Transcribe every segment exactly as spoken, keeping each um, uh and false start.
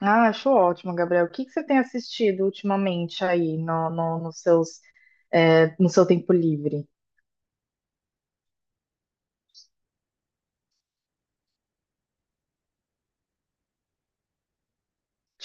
Ah, acho ótimo, Gabriel. O que que você tem assistido ultimamente aí no, no, nos seus, é, no seu tempo livre?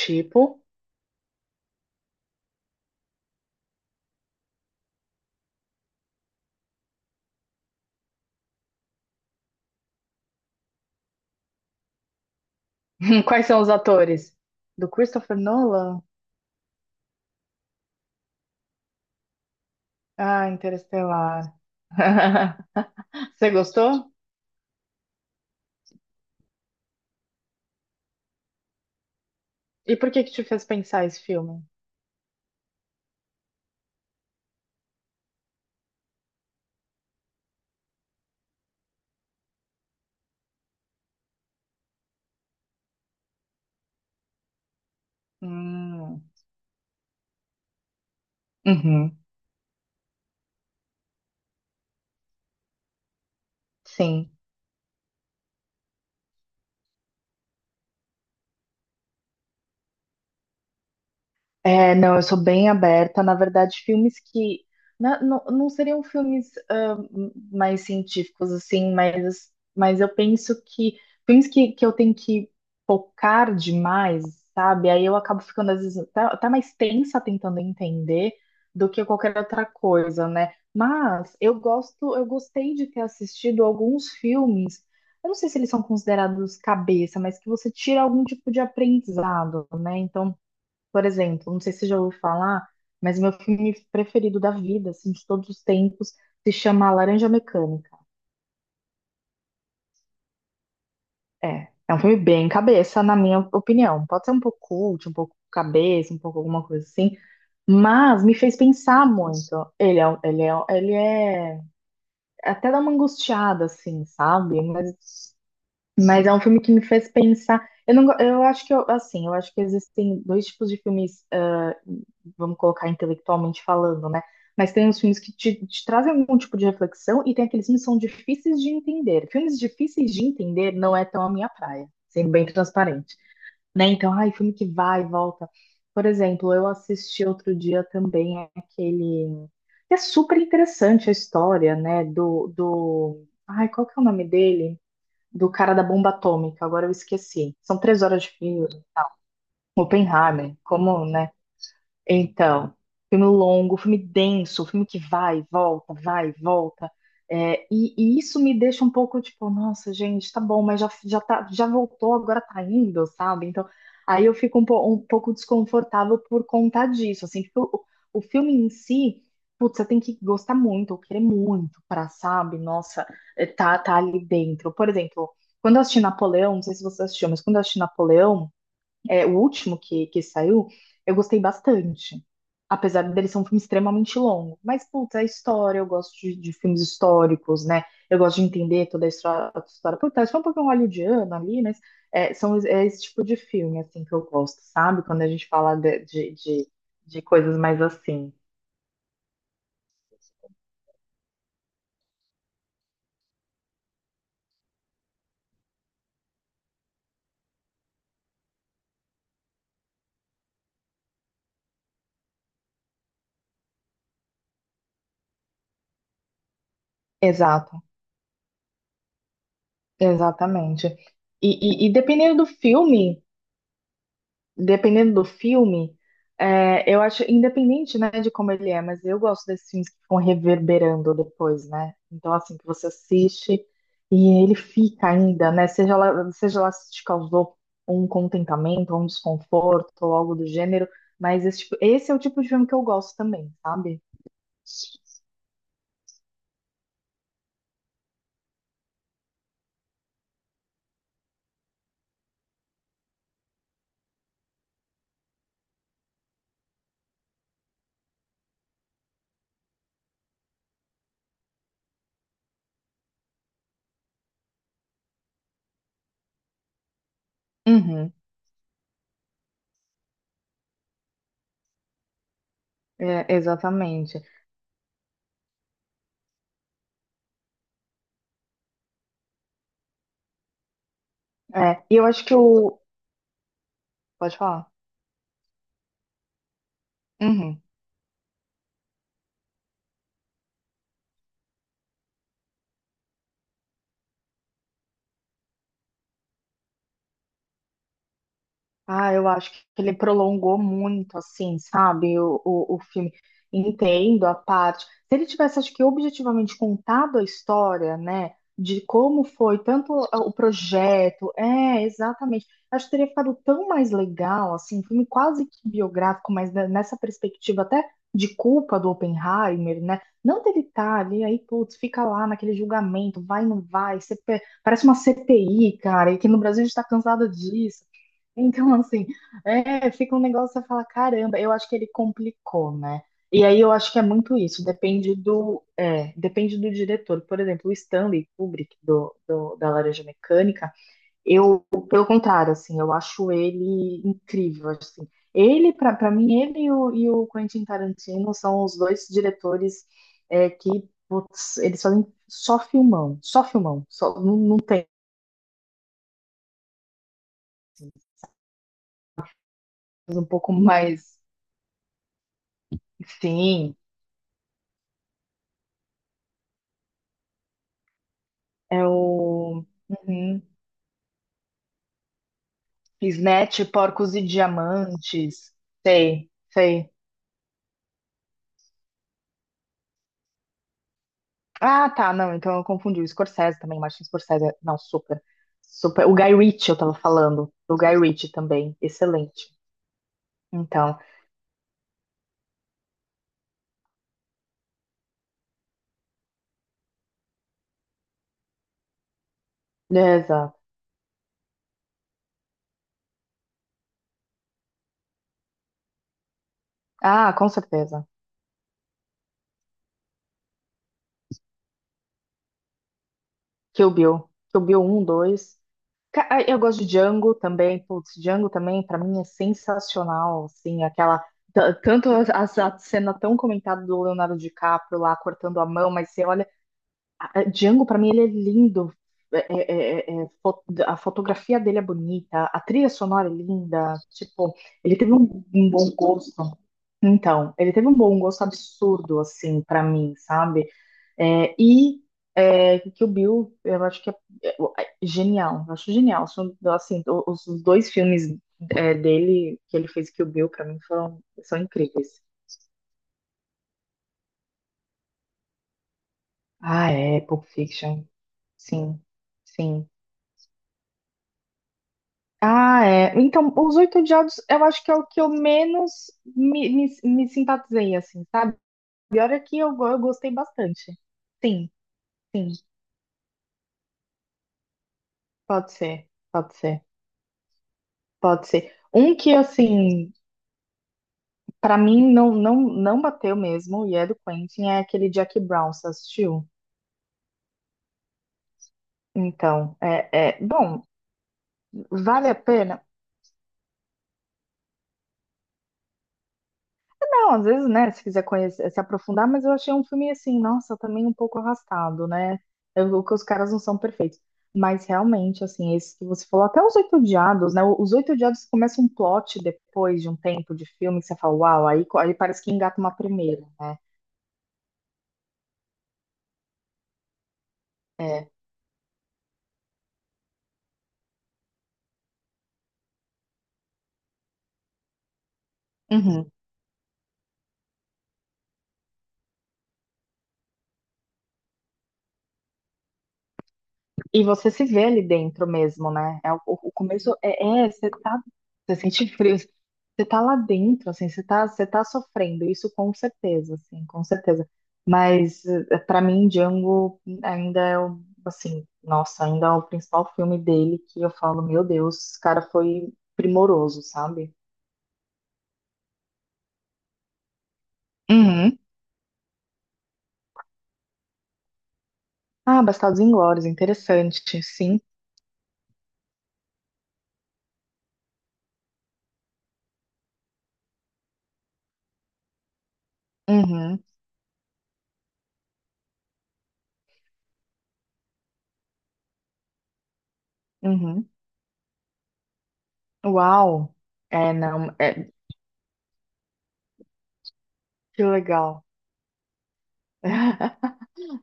Tipo, quais são os atores? Do Christopher Nolan? Ah, Interestelar. Você gostou? E por que que te fez pensar esse filme? Hum, uhum, sim. É, não, eu sou bem aberta. Na verdade, filmes que na- não, não seriam filmes ah, mais científicos, assim, mas, mas eu penso que filmes que, que eu tenho que focar demais, sabe? Aí eu acabo ficando, às vezes, até, até mais tensa tentando entender do que qualquer outra coisa, né? Mas eu gosto, eu gostei de ter assistido alguns filmes. Eu não sei se eles são considerados cabeça, mas que você tira algum tipo de aprendizado, né? Então. Por exemplo, não sei se você já ouviu falar, mas meu filme preferido da vida, assim, de todos os tempos, se chama Laranja Mecânica. É, é um filme bem cabeça, na minha opinião. Pode ser um pouco cult, um pouco cabeça, um pouco alguma coisa assim, mas me fez pensar muito. Ele é, um- ele é, um, ele é até dá uma angustiada, assim, sabe? Mas, mas é um filme que me fez pensar. Eu não, go- eu acho que eu, assim, eu acho que existem dois tipos de filmes, vamos colocar intelectualmente falando, né? Mas tem os filmes que te, te trazem algum tipo de reflexão e tem aqueles filmes que são difíceis de entender. Filmes difíceis de entender não é tão a minha praia, sendo bem transparente, né? Então, ai, filme que vai e volta. Por exemplo, eu assisti outro dia também aquele que é super interessante a história, né, do, do... Ai, qual que é o nome dele? Do cara da bomba atômica, agora eu esqueci. São três horas de filme, e tal. Oppenheimer, como, né, então, filme longo, filme denso, filme que vai, volta, vai, volta. É, e, e isso me deixa um pouco tipo, nossa, gente, tá bom, mas já, já, tá, já voltou, agora tá indo, sabe? Então, aí eu fico um, po- um pouco desconfortável por conta disso, assim, porque o, o filme em si, putz, você tem que gostar muito, ou querer muito pra, sabe? Nossa, é, tá, tá ali dentro. Por exemplo, quando eu assisti Napoleão, não sei se você assistiu, mas quando eu assisti Napoleão, é, o último que, que saiu, eu gostei bastante. Apesar dele ser um filme extremamente longo. Mas, puta, a história, eu gosto de, de filmes históricos, né? Eu gosto de entender toda a história. A história. Puta, é só um pouquinho hollywoodiano ali, mas é, são, é esse tipo de filme, assim, que eu gosto, sabe? Quando a gente fala de, de, de, de coisas mais assim. Exato, exatamente. E, e, e dependendo do filme. dependendo do filme, é, eu acho, independente, né, de como ele é, mas eu gosto desses filmes que ficam reverberando depois, né? Então, assim, que você assiste e ele fica ainda, né? Seja lá, seja lá se te causou um contentamento, um desconforto, ou algo do gênero, mas esse, tipo- esse é o tipo de filme que eu gosto também, sabe? Uhum, é, exatamente. É, e eu acho que o. Pode falar? Uhum. Ah, eu acho que ele prolongou muito, assim, sabe, o, o, o filme. Entendo a parte. Se ele tivesse, acho que objetivamente contado a história, né, de como foi, tanto o projeto, é, exatamente. Acho que teria ficado tão mais legal, assim, um filme quase que biográfico, mas ne- nessa perspectiva até de culpa do Oppenheimer, né? Não dele estar ali, aí, putz, fica lá naquele julgamento, vai, não vai, C P parece uma C P I, cara, e que no Brasil a gente tá cansado disso. Então, assim, é, fica um negócio, você fala, caramba, eu acho que ele complicou, né? E aí eu acho que é muito isso, depende do, é, depende do diretor. Por exemplo, o Stanley Kubrick, do, do- da Laranja Mecânica, eu, pelo contrário, assim, eu acho ele incrível, assim. Ele, pra pra mim, ele e o, e o Quentin Tarantino são os dois diretores, é, que, putz, eles fazem só filmão, só filmão, só, não, não tem um pouco mais, enfim. É o uhum. Snatch, Porcos e Diamantes. Sei, sei. Ah, tá, não, então eu confundi. O Scorsese também, Martin Scorsese. Não, super. Super. O Guy Ritchie eu tava falando. O Guy Ritchie também, excelente. Então, beleza. Ah, com certeza. Kill Bill. Kill Bill um, dois. Ca- ah, Eu gosto de Django também. Putz, Django também, pra mim, é sensacional. Assim, aquela. t- Tanto as- as- a, cena tão comentada do Leonardo DiCaprio lá cortando a mão, mas você olha Django, pra mim, ele é lindo. É- é- é- é fo- a fotografia dele é bonita, a trilha sonora é linda. Tipo, ele teve um, um bom gosto. Então, ele teve um bom gosto absurdo, assim, pra mim, sabe? É, e é, Kill Bill, eu acho que é, é- é genial. Eu acho genial. São, Assim, o- os dois filmes, é, dele, que ele fez Kill Bill, pra mim, foram, são incríveis. Ah, é, Pulp Fiction. Sim, sim. Ah, é. Então, Os Oito Odiados, eu acho que é o que eu menos me, me, me simpatizei, assim, sabe? E olha que eu, go- eu gostei bastante. Sim, sim, pode ser, pode ser, pode ser. Um que, assim, pra mim não, não, não bateu mesmo, e é do Quentin, é aquele Jack Brown, você assistiu? Então, é, é, bom, vale a pena? Não, às vezes, né, se quiser conhecer, se aprofundar, mas eu achei um filme assim, nossa, também um pouco arrastado, né? Eu, que os caras não são perfeitos. Mas realmente, assim, esse que você falou, até os Oito Odiados, né? Os Oito Odiados começa um plot depois de um tempo de filme que você fala, uau, aí, co- aí parece que engata uma primeira, né? É. Uhum. E você se vê ali dentro mesmo, né? É, o, o começo é, é, você tá, você sente frio, você tá lá dentro, assim, você tá, você tá sofrendo, isso com certeza, assim, com certeza. Mas eh, pra mim, Django ainda é o, assim, nossa, ainda é o principal filme dele que eu falo, meu Deus, esse cara foi primoroso, sabe? Uhum. Ah, Bastardos Inglórios, interessante, sim. Uhum, uhum. Uau! É, não, é, que legal.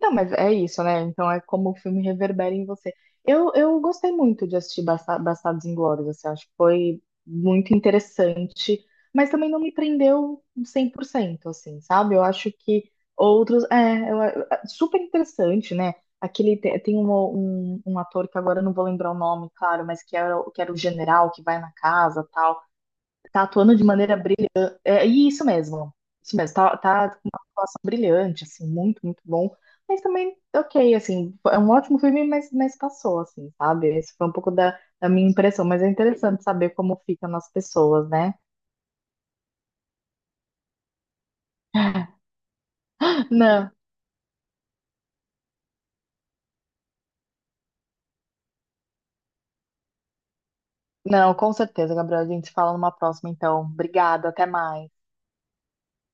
Não, mas é isso, né? Então é como o filme reverbera em você. Eu, eu gostei muito de assistir Basta- Bastardos Inglórios, assim, acho que foi muito interessante, mas também não me prendeu cem por cento, assim, sabe? Eu acho que outros... É, eu- é é super interessante, né? Aquele... te- Tem um, um, um ator que agora eu não vou lembrar o nome, claro, mas que era, o- que era o general que vai na casa, tal, tá atuando de maneira brilhante. É, e isso mesmo. Isso mesmo. Tá, tá com uma atuação brilhante, assim, muito, muito bom. Mas também, ok, assim, é um ótimo filme, mas, mas passou, assim, sabe? Esse foi um pouco da, da minha impressão, mas é interessante saber como fica nas pessoas, né? Não, não, com certeza, Gabriel. A gente se fala numa próxima, então. Obrigada, até mais.